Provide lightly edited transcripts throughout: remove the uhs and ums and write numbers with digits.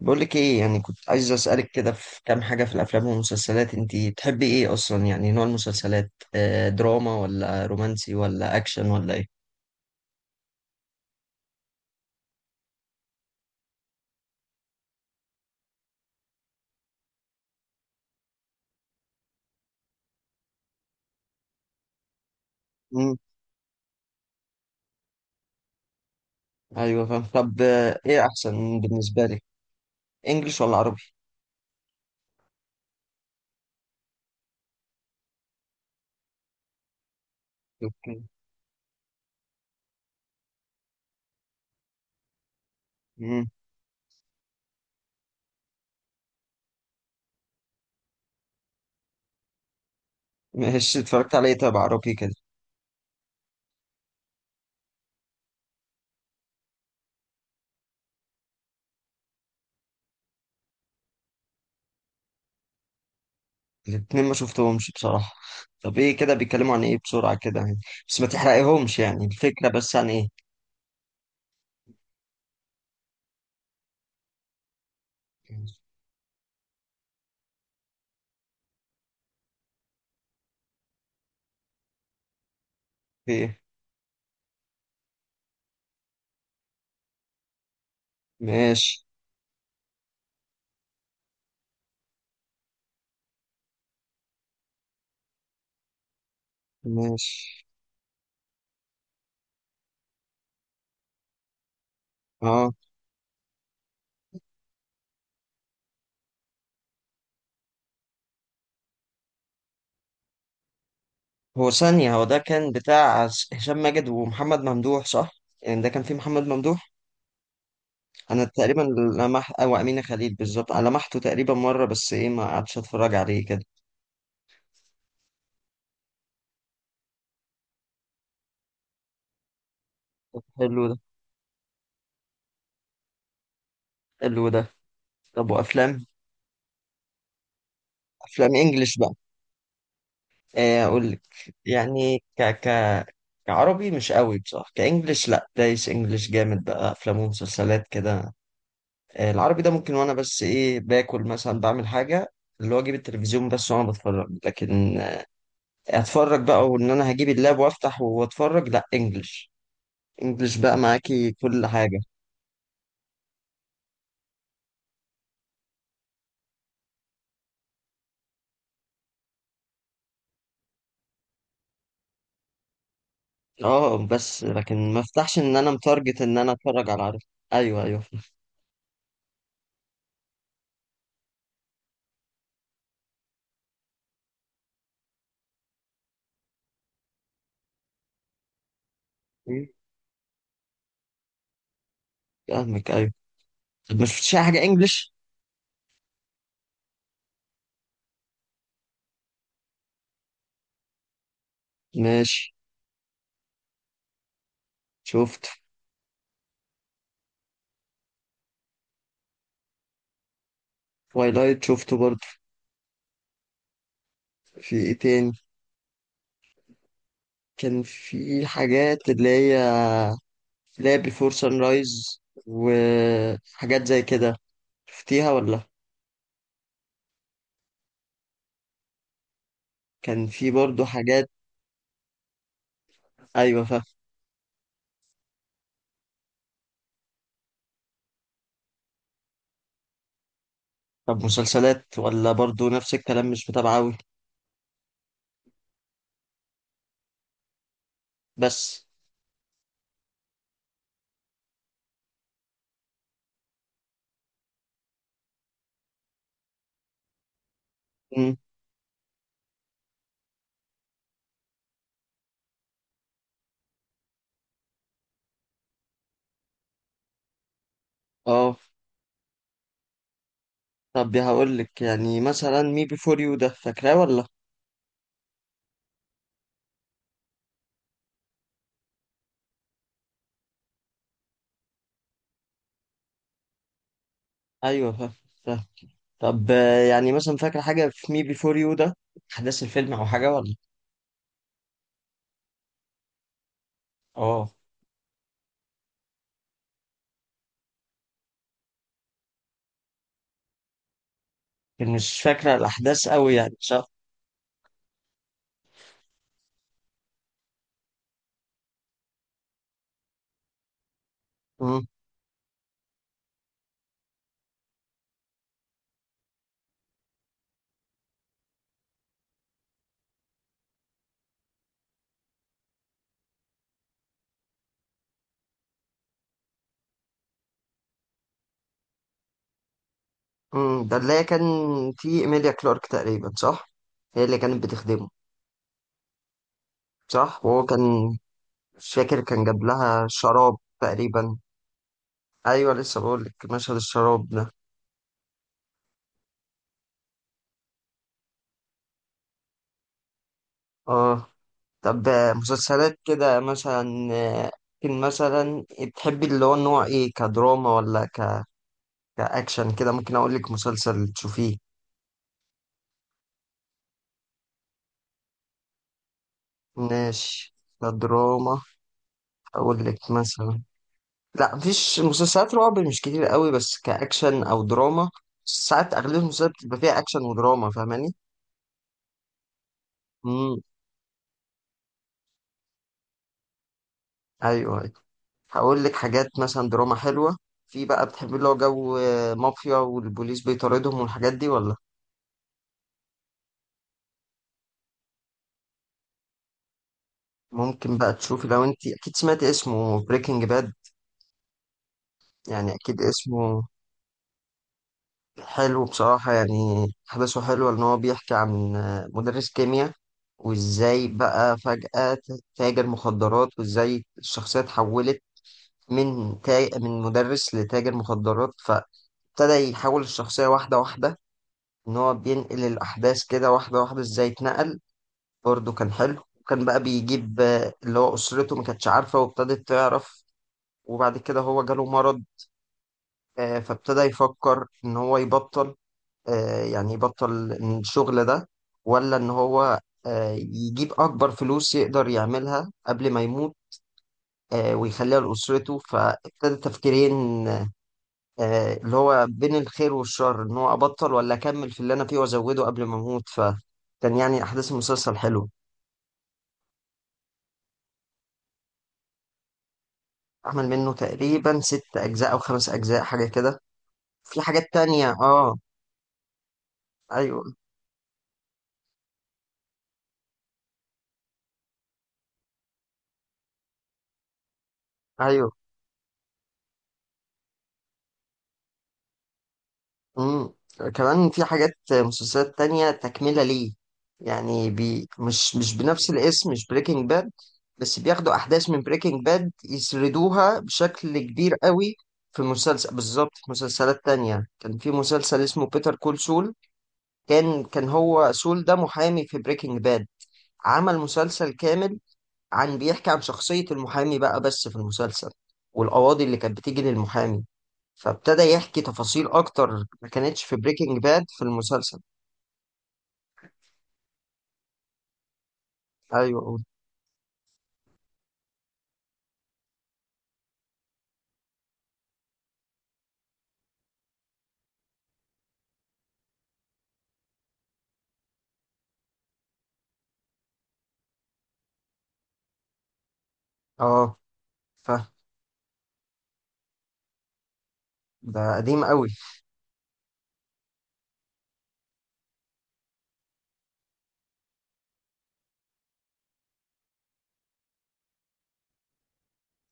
بقول لك ايه، يعني كنت عايز اسالك كده في كام حاجه في الافلام والمسلسلات. انتي تحبي ايه اصلا؟ يعني نوع المسلسلات، دراما ولا رومانسي ولا اكشن ولا ايه؟ امم. ايوه فاهم. طب ايه احسن بالنسبه لك؟ انجليش ولا عربي؟ اوكي. امم. ماشي. اتفرجت على ايه طب عربي كده؟ الاتنين ما شفتهمش بصراحه. طب ايه كده، بيتكلموا عن ايه بسرعه كده يعني؟ بس ما تحرقيهمش، يعني الفكره بس عن ايه. في ايه؟ ماشي ماشي. اه، هو ثانية، هو ده كان بتاع هشام ماجد ومحمد ممدوح صح؟ يعني ده كان فيه محمد ممدوح. أنا تقريبا لمح أو أمينة خليل بالظبط، أنا لمحته تقريبا مرة بس، إيه، ما قعدتش أتفرج عليه كده. طب حلو ده، حلو ده. طب وأفلام؟ أفلام إنجلش بقى، إيه أقول لك، يعني ك ك كعربي مش قوي بصراحة، كإنجلش لأ، دايس إنجلش جامد بقى، أفلام ومسلسلات كده. إيه العربي ده ممكن، وأنا بس إيه باكل مثلا، بعمل حاجة، اللي هو أجيب التلفزيون بس وأنا بتفرج. لكن اتفرج بقى وان انا هجيب اللاب وافتح واتفرج، لا انجلش. انجلش بقى معاكي كل حاجة. اه بس، لكن ما افتحش ان انا متارجت ان انا اتفرج على عربي. ايوه، ايوه، فاهمك. ايوه طب، ما شفتش اي حاجة انجلش؟ ماشي. شفت. تويلايت شفته برضه. في ايه تاني؟ كان في حاجات اللي هي بيفور سان رايز وحاجات زي كده. شفتيها ولا؟ كان في برضه حاجات. ايوه فاهم. طب مسلسلات، ولا برضه نفس الكلام مش متابعة أوي؟ بس. مم. اه. طب هقول لك، يعني مثلا مي بي فور يو ده فاكراه ولا؟ ايوه فاهم. فاهم. طب يعني مثلا فاكره حاجه في مي بي فور يو ده، احداث الفيلم او حاجه ولا؟ اه، لكن مش فاكره الاحداث قوي يعني، صح؟ مم. مم. ده اللي هي كان في ايميليا كلارك تقريبا، صح؟ هي اللي كانت بتخدمه؟ صح. وهو كان، مش فاكر، كان جاب لها شراب تقريبا. ايوه، لسه بقول لك، مشهد الشراب ده. اه. طب مسلسلات كده مثلا، ممكن مثلا تحبي اللي هو النوع ايه؟ كدراما ولا كأكشن كده؟ ممكن اقول لك مسلسل تشوفيه. ماشي. كدراما. اقول لك مثلا. لا مفيش مسلسلات رعب مش كتير قوي، بس كأكشن او دراما. ساعات اغلب المسلسلات بتبقى فيها اكشن ودراما، فاهماني؟ امم. ايوه ايوه. هقول لك حاجات مثلا دراما حلوة. في بقى بتحبي اللي هو جو مافيا والبوليس بيطاردهم والحاجات دي ولا؟ ممكن بقى تشوفي، لو انت اكيد سمعتي اسمه، بريكنج باد. يعني اكيد اسمه حلو بصراحة، يعني احداثه حلوة، ان هو بيحكي عن مدرس كيمياء، وازاي بقى فجأة تاجر مخدرات، وازاي الشخصية اتحولت من مدرس لتاجر مخدرات. فابتدى يحول الشخصية واحدة واحدة، ان هو بينقل الاحداث كده واحدة واحدة ازاي اتنقل. برضه كان حلو، وكان بقى بيجيب اللي هو اسرته، ما كانتش عارفة وابتدت تعرف، وبعد كده هو جاله مرض. فابتدى يفكر ان هو يبطل، يعني يبطل الشغل ده، ولا ان هو يجيب اكبر فلوس يقدر يعملها قبل ما يموت، ويخليها لأسرته. فابتدى تفكيرين، اللي هو بين الخير والشر، ان هو ابطل ولا اكمل في اللي انا فيه وازوده قبل ما اموت. فكان يعني احداث المسلسل حلو. عمل منه تقريبا 6 اجزاء او 5 اجزاء حاجة كده. في حاجات تانية اه. ايوه ايوه. مم. كمان في حاجات مسلسلات تانية تكملة ليه، يعني بي مش بنفس الاسم، مش بريكنج باد، بس بياخدوا أحداث من بريكنج باد يسردوها بشكل كبير قوي. في مسلسل بالظبط، في مسلسلات تانية كان في مسلسل اسمه بيتر كول سول. كان هو سول ده محامي في بريكنج باد. عمل مسلسل كامل، بيحكي عن شخصية المحامي بقى، بس في المسلسل والقواضي اللي كانت بتيجي للمحامي. فابتدى يحكي تفاصيل اكتر ما كانتش في بريكنج باد في المسلسل. ايوه قول. اه فاهم. ده قديم قوي.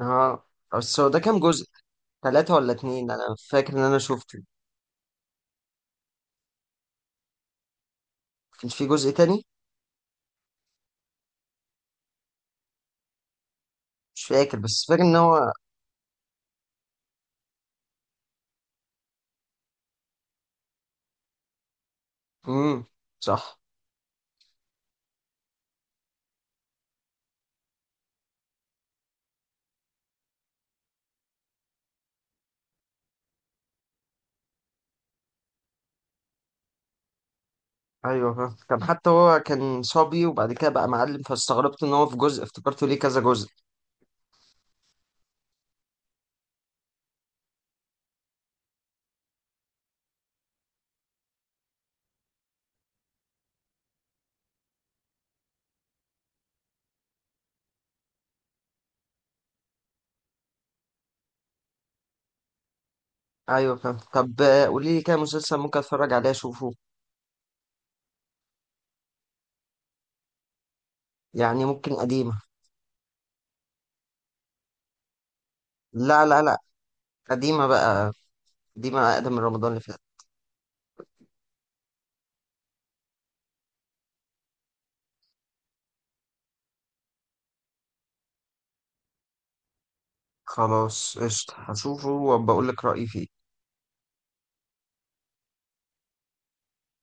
اه بس هو ده كام جزء؟ 3 ولا 2؟ انا فاكر ان انا شفته. كان في جزء تاني؟ مش فاكر، بس فاكر ان هو. امم. صح. ايوه فاهم، كان حتى هو كان صبي وبعد كده بقى معلم، فاستغربت ان هو في جزء، افتكرته ليه كذا جزء. ايوه فاهم. طب قولي لي كده مسلسل ممكن اتفرج عليه اشوفه. يعني ممكن قديمة. لا لا لا، قديمة بقى، قديمة اقدم من رمضان اللي فات. خلاص، قشطة، هشوفه وبقول لك رأيي فيه.